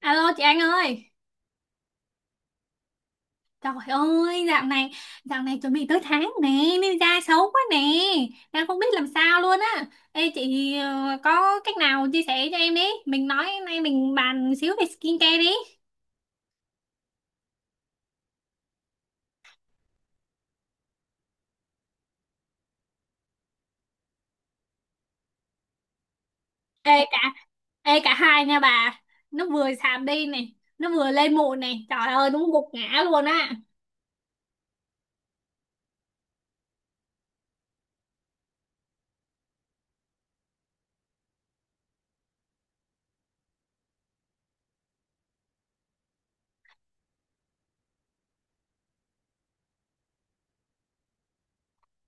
Alo chị Anh ơi. Trời ơi dạo này, dạo này chuẩn bị tới tháng nè, nên da xấu quá nè. Đang không biết làm sao luôn á. Ê chị có cách nào chia sẻ cho em đi. Mình nói nay mình bàn xíu về skincare đi. Ê cả, ê, cả hai nha bà. Nó vừa sạm đi này, nó vừa lên mụn này. Trời ơi đúng gục ngã luôn á.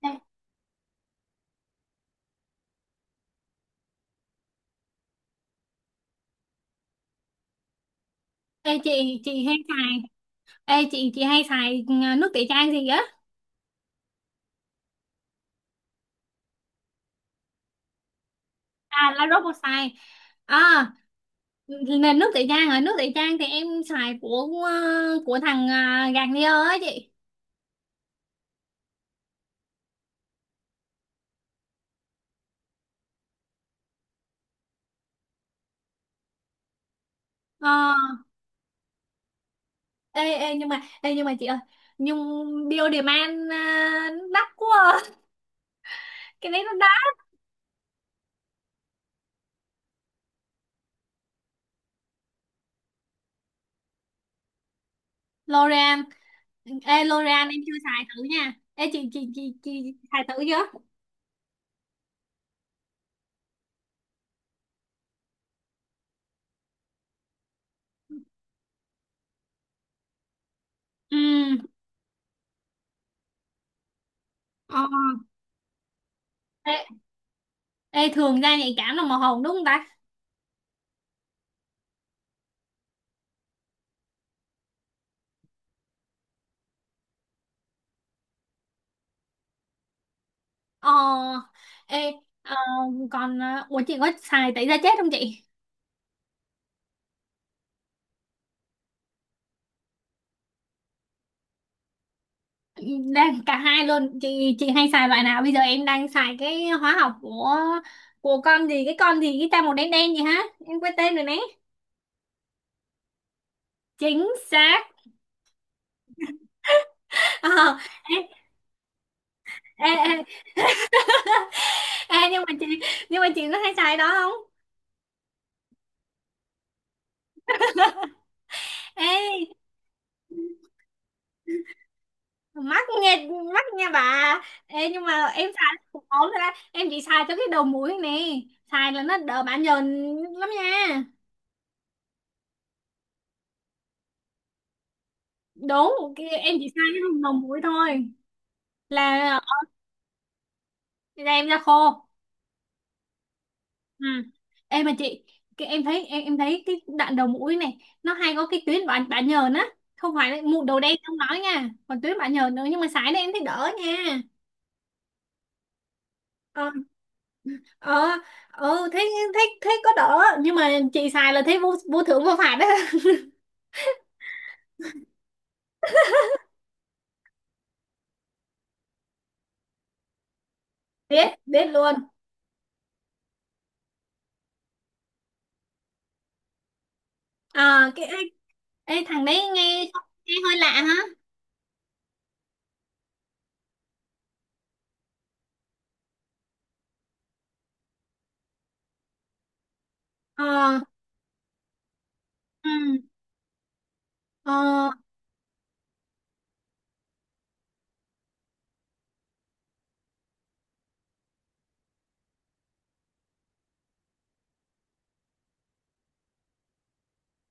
Ê ê, chị hay xài. Ê chị hay xài nước tẩy chay gì á. À là Roboxai. À là nước tẩy trang, à nước tẩy trang thì em xài của của thằng à, gạt đi á chị. Ờ, ê, ê nhưng mà chị ơi, nhưng Bioderman à, đắt quá à. Cái đấy nó đắt. L'Oreal, ê L'Oreal em chưa xài thử nha. Ê chị, chị xài thử chưa? Ừ, ờ, ê, ê thường da nhạy cảm là màu hồng đúng không ta? Ờ, ê, ờ, còn à, ủa chị có xài tẩy da chết không chị? Đang cả hai luôn chị hay xài loại nào? Bây giờ em đang xài cái hóa học của con gì, cái con gì cái ta, màu đen đen gì hả, em quên tên rồi nè. Chính xác. Ờ, ê, ê, ê, ê, nhưng mà chị, nhưng mà chị nó hay xài đó không? Ê, mắc nghe, mắc nha bà. Ê nhưng mà em xài cũng ổn rồi đó, em chỉ xài cho cái đầu mũi nè, xài là nó đỡ bã nhờn lắm nha. Đúng, em chỉ xài cái đầu mũi thôi, là da em ra khô. Ừ. Em mà chị, cái em thấy, em thấy cái đoạn đầu mũi này nó hay có cái tuyến bã bã nhờn á, không phải là mụn đầu đen không nói nha, còn tuyến bã nhờn nữa, nhưng mà sải này em thấy đỡ nha. Ờ, ờ, ừ, thấy thấy thấy có đỡ, nhưng mà chị xài là thấy vô vô thưởng vô phạt đó. Biết, biết luôn. Ờ cái ê, ê, thằng đấy nghe, nghe hơi lạ hả. Ờ, ừ, ờ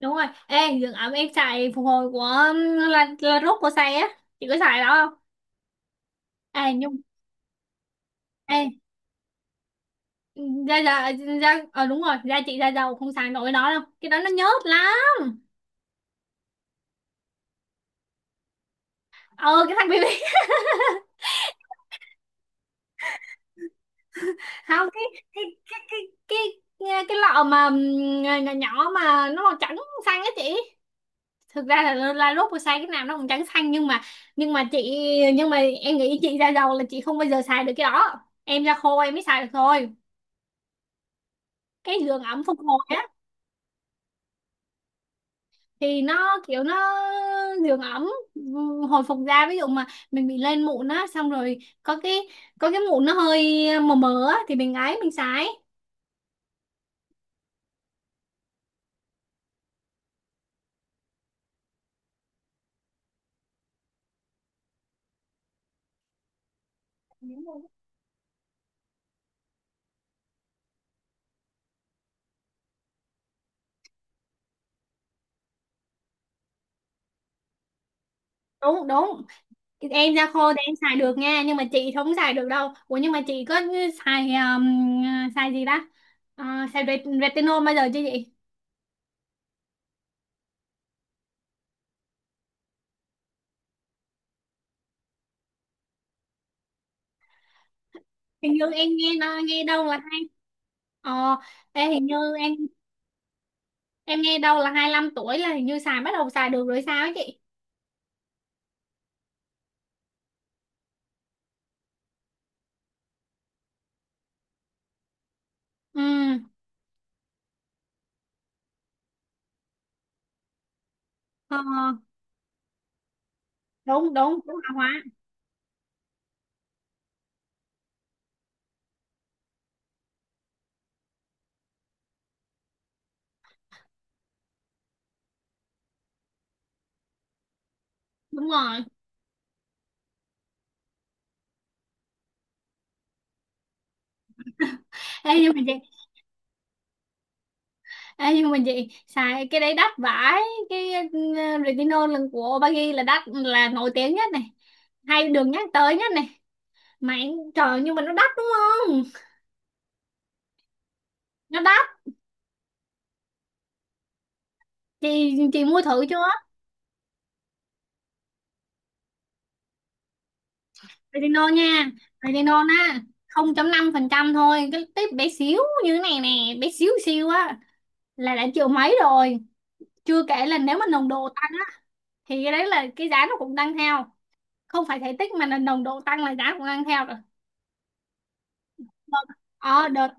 đúng rồi. Ê dưỡng ẩm em xài phục hồi của, là rốt của xài á, chị có xài đó không? Ê nhưng, ê da da, da ờ đúng rồi, da chị da dầu không xài nổi nó đâu, cái đó nó nhớt lắm. Ờ cái thằng BB. Không, cái cái cái cái cái lọ mà nhỏ nhỏ mà nó màu trắng xanh á chị. Thực ra là lúc mà xài cái nào nó cũng trắng xanh, nhưng mà, nhưng mà chị, nhưng mà em nghĩ chị da dầu là chị không bao giờ xài được cái đó, em da khô em mới xài được thôi, cái giường ẩm phục hồi. Thì nó kiểu nó dưỡng ẩm, ừ, hồi phục da. Ví dụ mà mình bị lên mụn á, xong rồi có cái, có cái mụn nó hơi mờ mờ á thì mình ấy mình sái. Đúng đúng, em da khô thì em xài được nha, nhưng mà chị không xài được đâu. Ủa nhưng mà chị có xài xài gì ta. Ờ, xài retinol bao giờ chưa chị? Hình như em nghe nó nghe đâu là hai, ờ, ê, hình như em nghe đâu là hai lăm tuổi là hình như xài bắt đầu xài được rồi sao ấy chị. Ừ, ờ đúng đúng đúng, là hóa. Đúng rồi, ê nhưng mà chị, ê nhưng mà chị xài cái đấy đắt vãi, cái ừ, retinol lần của Obagi là đắt, là nổi tiếng nhất này, hay được nhắc tới nhất này. Mà trời, nhưng mà nó đắt đúng không, nó đắt. Chị mua thử chưa? Retinol nha, retinol á, không chấm năm phần trăm thôi, cái tip bé xíu như thế này nè, bé xíu xíu á, là đã triệu mấy rồi. Chưa kể là nếu mà nồng độ tăng á, thì cái đấy là cái giá nó cũng tăng theo, không phải thể tích mà là nồng độ tăng là giá cũng tăng theo rồi. Vâng. Ờ đợt,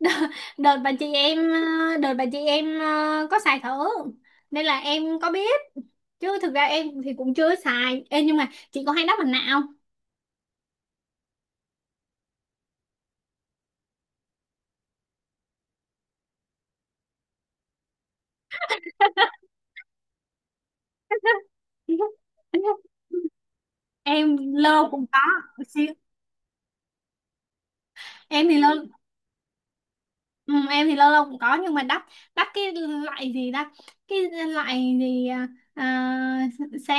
đợt, đợt bà chị em đợt bà chị em có xài thử nên là em có biết, chứ thực ra em thì cũng chưa xài. Ê, nhưng mà chị có hay đắp mặt nạ không? Em lơ cũng có, em thì lơ. Ừ, em thì lâu lâu cũng có, nhưng mà đắt, đắt cái loại gì ta, cái loại gì à, à, xe,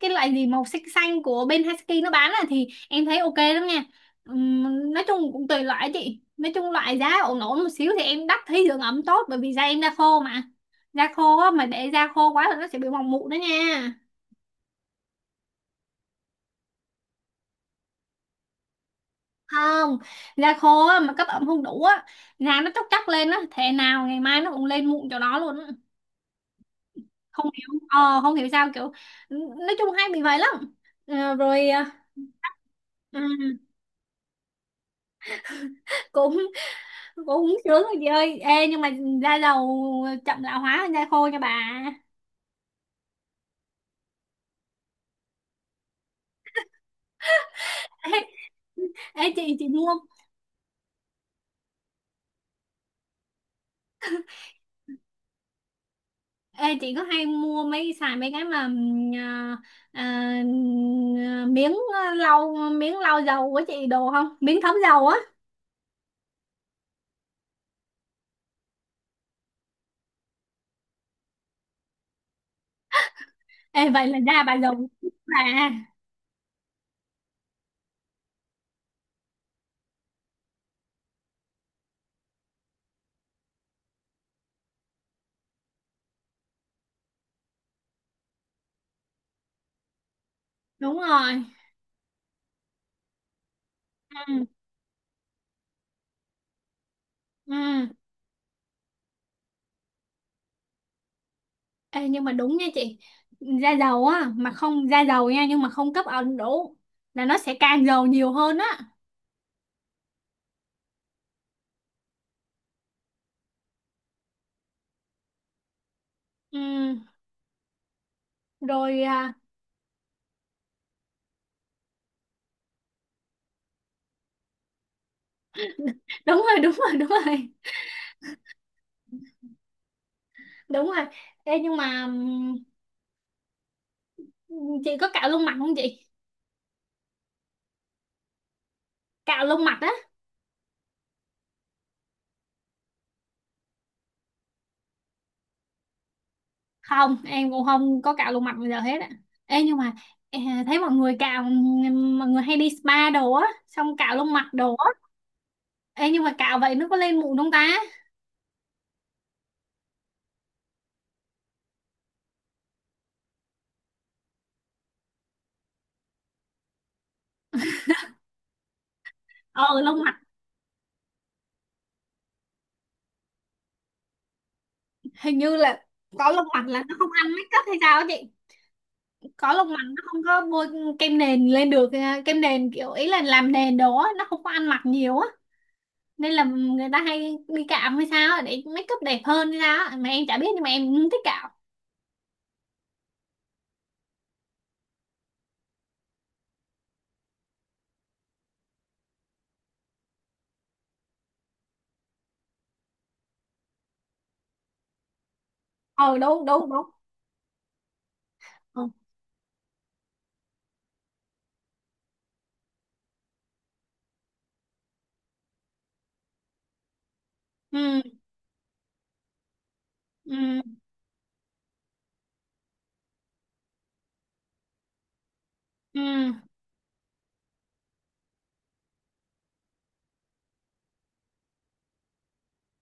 cái loại gì màu xanh xanh của bên Husky nó bán là thì em thấy ok lắm nha. Nói chung cũng tùy loại á chị, nói chung loại giá ổn ổn một xíu thì em đắt thấy dưỡng ẩm tốt, bởi vì da em da khô mà. Da khô á, mà để da khô quá là nó sẽ bị mỏng mụn đó nha. Không, da khô á, mà cấp ẩm không đủ á, da nó chóc chóc lên á, thế nào ngày mai nó cũng lên mụn cho nó luôn á. Không hiểu không hiểu sao kiểu, nói chung hay bị vậy lắm. Ờ, rồi ừ, cũng, cũng sướng rồi chị ơi. Ê nhưng mà da dầu chậm lão hóa hơn da khô nha bà. Ê, ê chị mua, ê chị có hay mua mấy xài mấy cái mà ờ, ờ, miếng lau, miếng lau dầu của chị đồ không, miếng thấm dầu á? Ê vậy là da bà dầu bà. Đúng rồi, ừ, ừ. Ê, nhưng mà đúng nha chị, da dầu á mà không, da dầu nha nhưng mà không cấp ẩm đủ là nó sẽ càng dầu nhiều hơn á. Ừ, rồi à, đúng rồi, đúng rồi, đúng rồi, đúng rồi. Ê, nhưng mà, chị có cạo lông mặt không chị? Cạo lông mặt á. Không em cũng không có cạo lông mặt bây giờ hết á. Ê, nhưng mà à, thấy mọi người cạo, mọi người hay đi spa đồ á xong cạo lông mặt đồ á. Ê, nhưng mà cạo vậy nó có lên mụn không ta? Ờ lông mặt, hình như là có lông mặt là nó không ăn make up hay sao á chị, có lông mày nó không có bôi kem nền lên được, à, kem nền kiểu ý là làm nền đồ á nó không có ăn mặc nhiều á, nên là người ta hay đi cạo hay sao á, để make up đẹp hơn hay sao á. Mà em chả biết nhưng mà em cũng thích cạo. Ờ đúng đúng đúng. Ừ, ừ, ừ, ừ,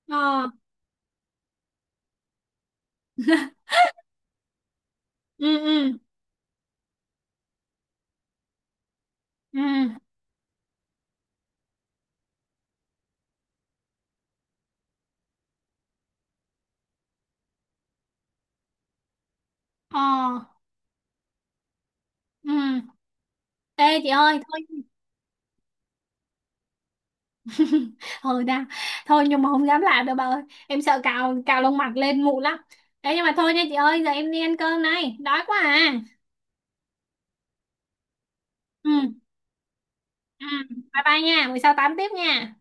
ờ, ừ, ừ, ừ, ờ, ừ. Ê chị ơi thôi. Ừ đã, thôi nhưng mà không dám làm đâu bà ơi, em sợ cạo cạo lông mặt lên mụn lắm đấy. Nhưng mà thôi nha chị ơi, giờ em đi ăn cơm này, đói quá à. Ừ. Ừ, bye bye nha, buổi sau tám tiếp nha.